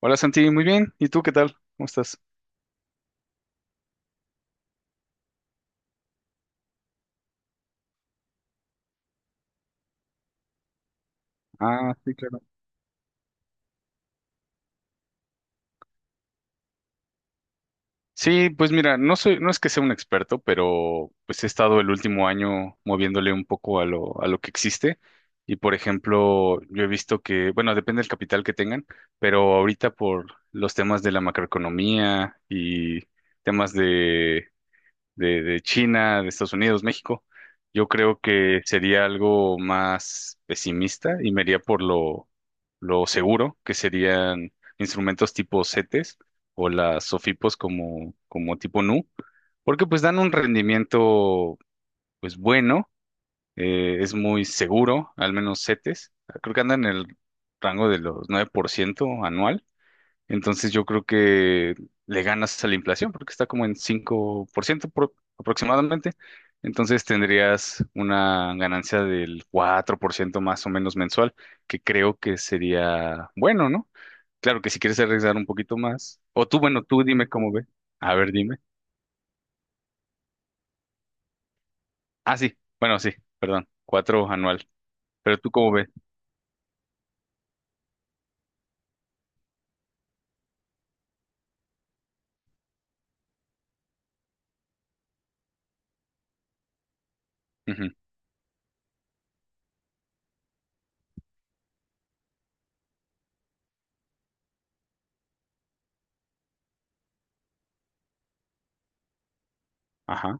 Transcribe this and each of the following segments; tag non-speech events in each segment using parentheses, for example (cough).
Hola Santi, muy bien. ¿Y tú qué tal? ¿Cómo estás? Ah, sí, claro. Sí, pues mira, no es que sea un experto, pero pues he estado el último año moviéndole un poco a lo que existe. Y por ejemplo, yo he visto que, bueno, depende del capital que tengan, pero ahorita por los temas de la macroeconomía y temas de China, de Estados Unidos, México, yo creo que sería algo más pesimista y me iría lo seguro, que serían instrumentos tipo CETES o las SOFIPOS como tipo NU, porque pues dan un rendimiento pues bueno, es muy seguro, al menos CETES, creo que andan en el rango de los 9% anual. Entonces yo creo que le ganas a la inflación porque está como en 5% aproximadamente. Entonces tendrías una ganancia del 4% más o menos mensual, que creo que sería bueno, ¿no? Claro que si quieres arriesgar un poquito más. O tú, bueno, tú dime cómo ve. A ver, dime. Ah, sí. Bueno, sí, perdón. Cuatro anual. Pero tú cómo ves. Ujú. Ajá.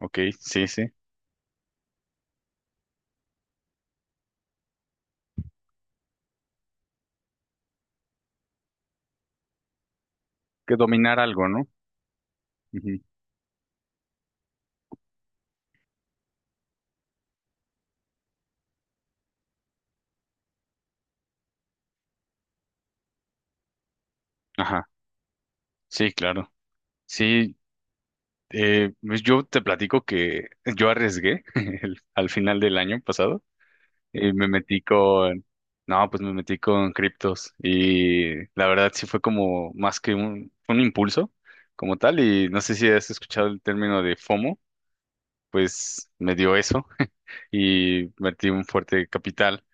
Ok, sí, sí. Que dominar algo, ¿no? Ujú. Ajá. Sí, claro. Sí, eh, pues yo te platico que yo arriesgué (laughs) al final del año pasado y no, pues me metí con criptos y la verdad sí fue como más que un impulso como tal y no sé si has escuchado el término de FOMO, pues me dio eso (laughs) y metí un fuerte capital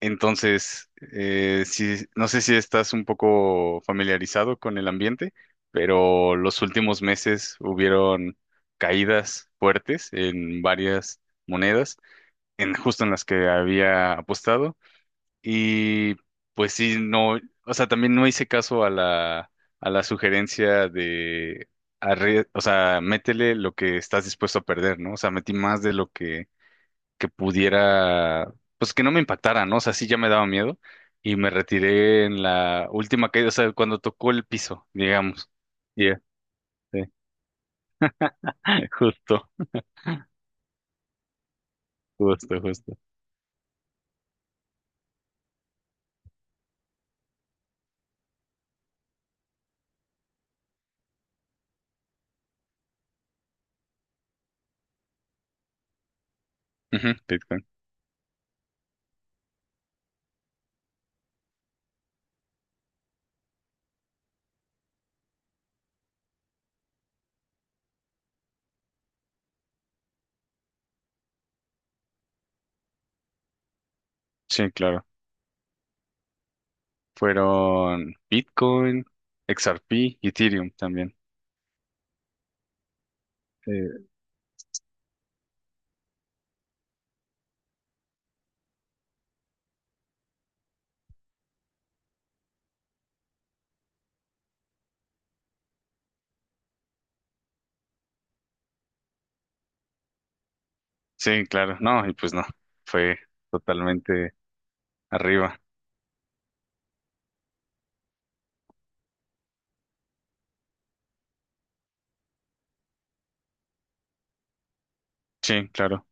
entonces, sí, no sé si estás un poco familiarizado con el ambiente, pero los últimos meses hubieron caídas fuertes en varias monedas, en justo en las que había apostado. Y pues sí, no, o sea, también no hice caso a la sugerencia de, o sea, métele lo que estás dispuesto a perder, ¿no? O sea, metí más de lo que pudiera, pues que no me impactara, ¿no? O sea, sí ya me daba miedo y me retiré en la última caída, o sea, cuando tocó el piso, digamos. Yeah, sí, (laughs) justo, justo, justo. Ujú, Bitcoin. Sí, claro. Fueron Bitcoin, XRP, Ethereum también. Eh, sí, claro. No, y pues no, fue totalmente arriba. Sí, claro.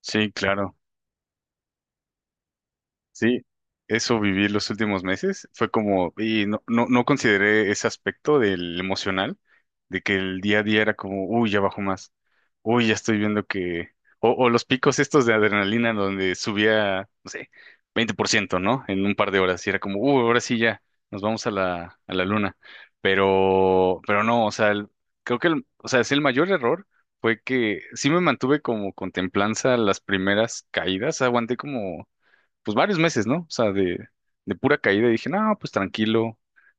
Sí, claro. Sí, eso viví los últimos meses. Fue como, y no, no, no consideré ese aspecto del emocional, de que el día a día era como, uy, ya bajo más, uy, ya estoy viendo que, o los picos estos de adrenalina donde subía, no sé, 20%, ¿no? En un par de horas, y era como, uy, ahora sí ya, nos vamos a la luna. Pero no, o sea, creo que el, o sea, es el mayor error fue que sí me mantuve como contemplanza las primeras caídas, aguanté como pues varios meses, ¿no? O sea, de pura caída y dije, no, pues tranquilo,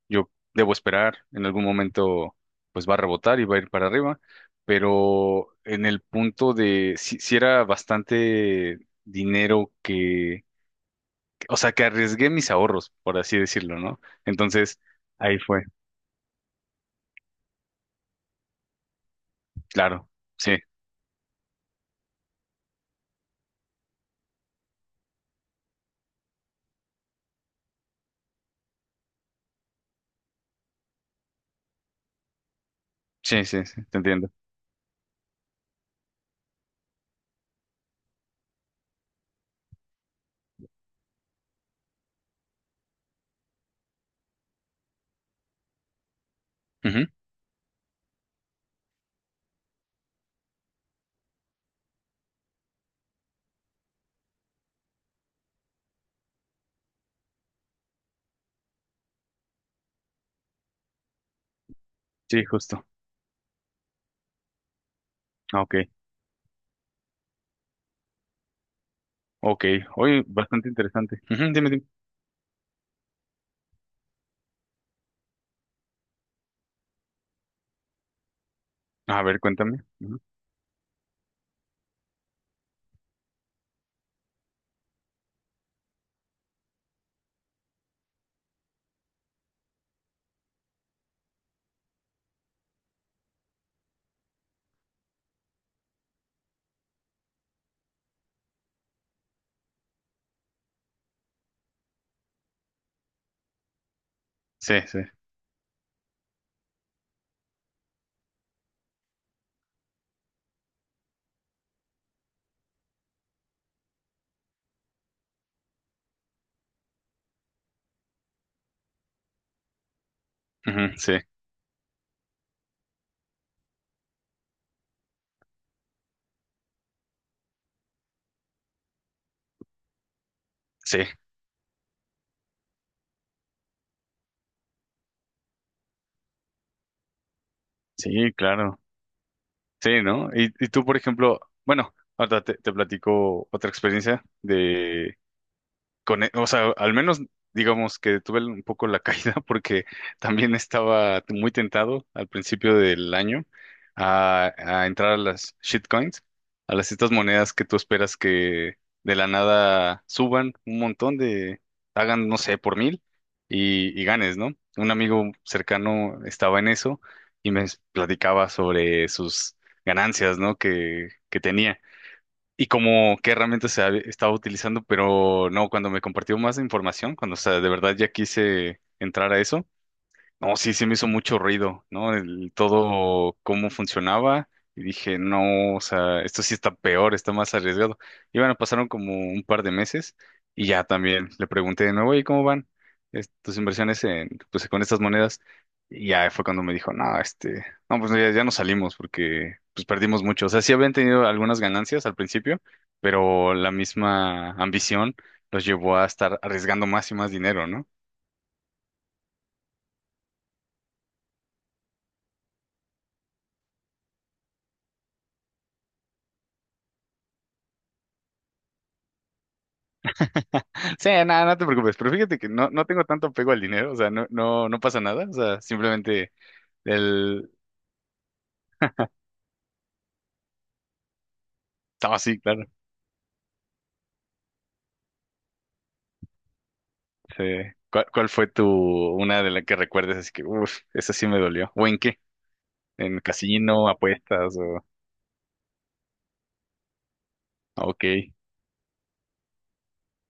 yo debo esperar, en algún momento pues va a rebotar y va a ir para arriba, pero en el punto de si era bastante dinero que, o sea, que arriesgué mis ahorros, por así decirlo, ¿no? Entonces, ahí fue, claro, sí, sí, te entiendo. Ujú, sí, justo, ah, ok, ok, oye, bastante interesante. Ujú, dime, dime, a ver, cuéntame. Ujú, sí, sí, ujú, sí. Sí, sí, claro. Sí, ¿no? Y tú, por ejemplo, bueno, ahora te platico otra experiencia o sea, al menos digamos que tuve un poco la caída (laughs) porque también estaba muy tentado al principio del año a entrar a las shitcoins, a las estas monedas que tú esperas que de la nada suban un montón de, hagan, no sé, por mil y ganes, ¿no? Un amigo cercano estaba en eso y me platicaba sobre sus ganancias, ¿no? Que tenía y como qué herramientas estaba utilizando, pero no, cuando me compartió más información, cuando o sea, de verdad ya quise entrar a eso, no, sí, sí me hizo mucho ruido, ¿no? El todo cómo funcionaba y dije, no, o sea, esto sí está peor, está más arriesgado. Y bueno, pasaron como un par de meses y ya también le pregunté de nuevo, ¿y cómo van tus inversiones en, pues, con estas monedas? Y ya fue cuando me dijo, no, este, no, pues ya, ya nos salimos porque pues perdimos mucho. O sea, sí habían tenido algunas ganancias al principio, pero la misma ambición los llevó a estar arriesgando más y más dinero, ¿no? Sí, nada, no te preocupes, pero fíjate que no, no tengo tanto apego al dinero, o sea, no, no, no pasa nada, o sea, simplemente el... No, sí, claro. Sí. ¿Cuál, cuál fue tu, una de las que recuerdes? Así que, uff, esa sí me dolió. ¿O en qué? ¿En casino, apuestas o...? Ah, ok,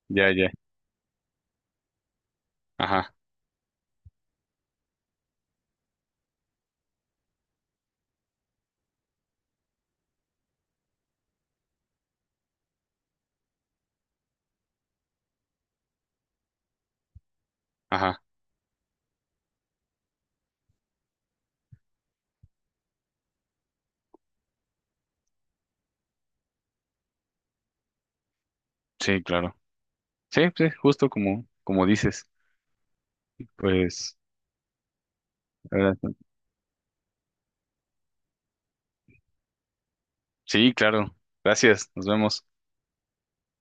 ya, ya. Ajá, ajá. Sí, claro. Sí, sí, justo como, como dices. Pues, ahora- sí, claro. Gracias, nos vemos.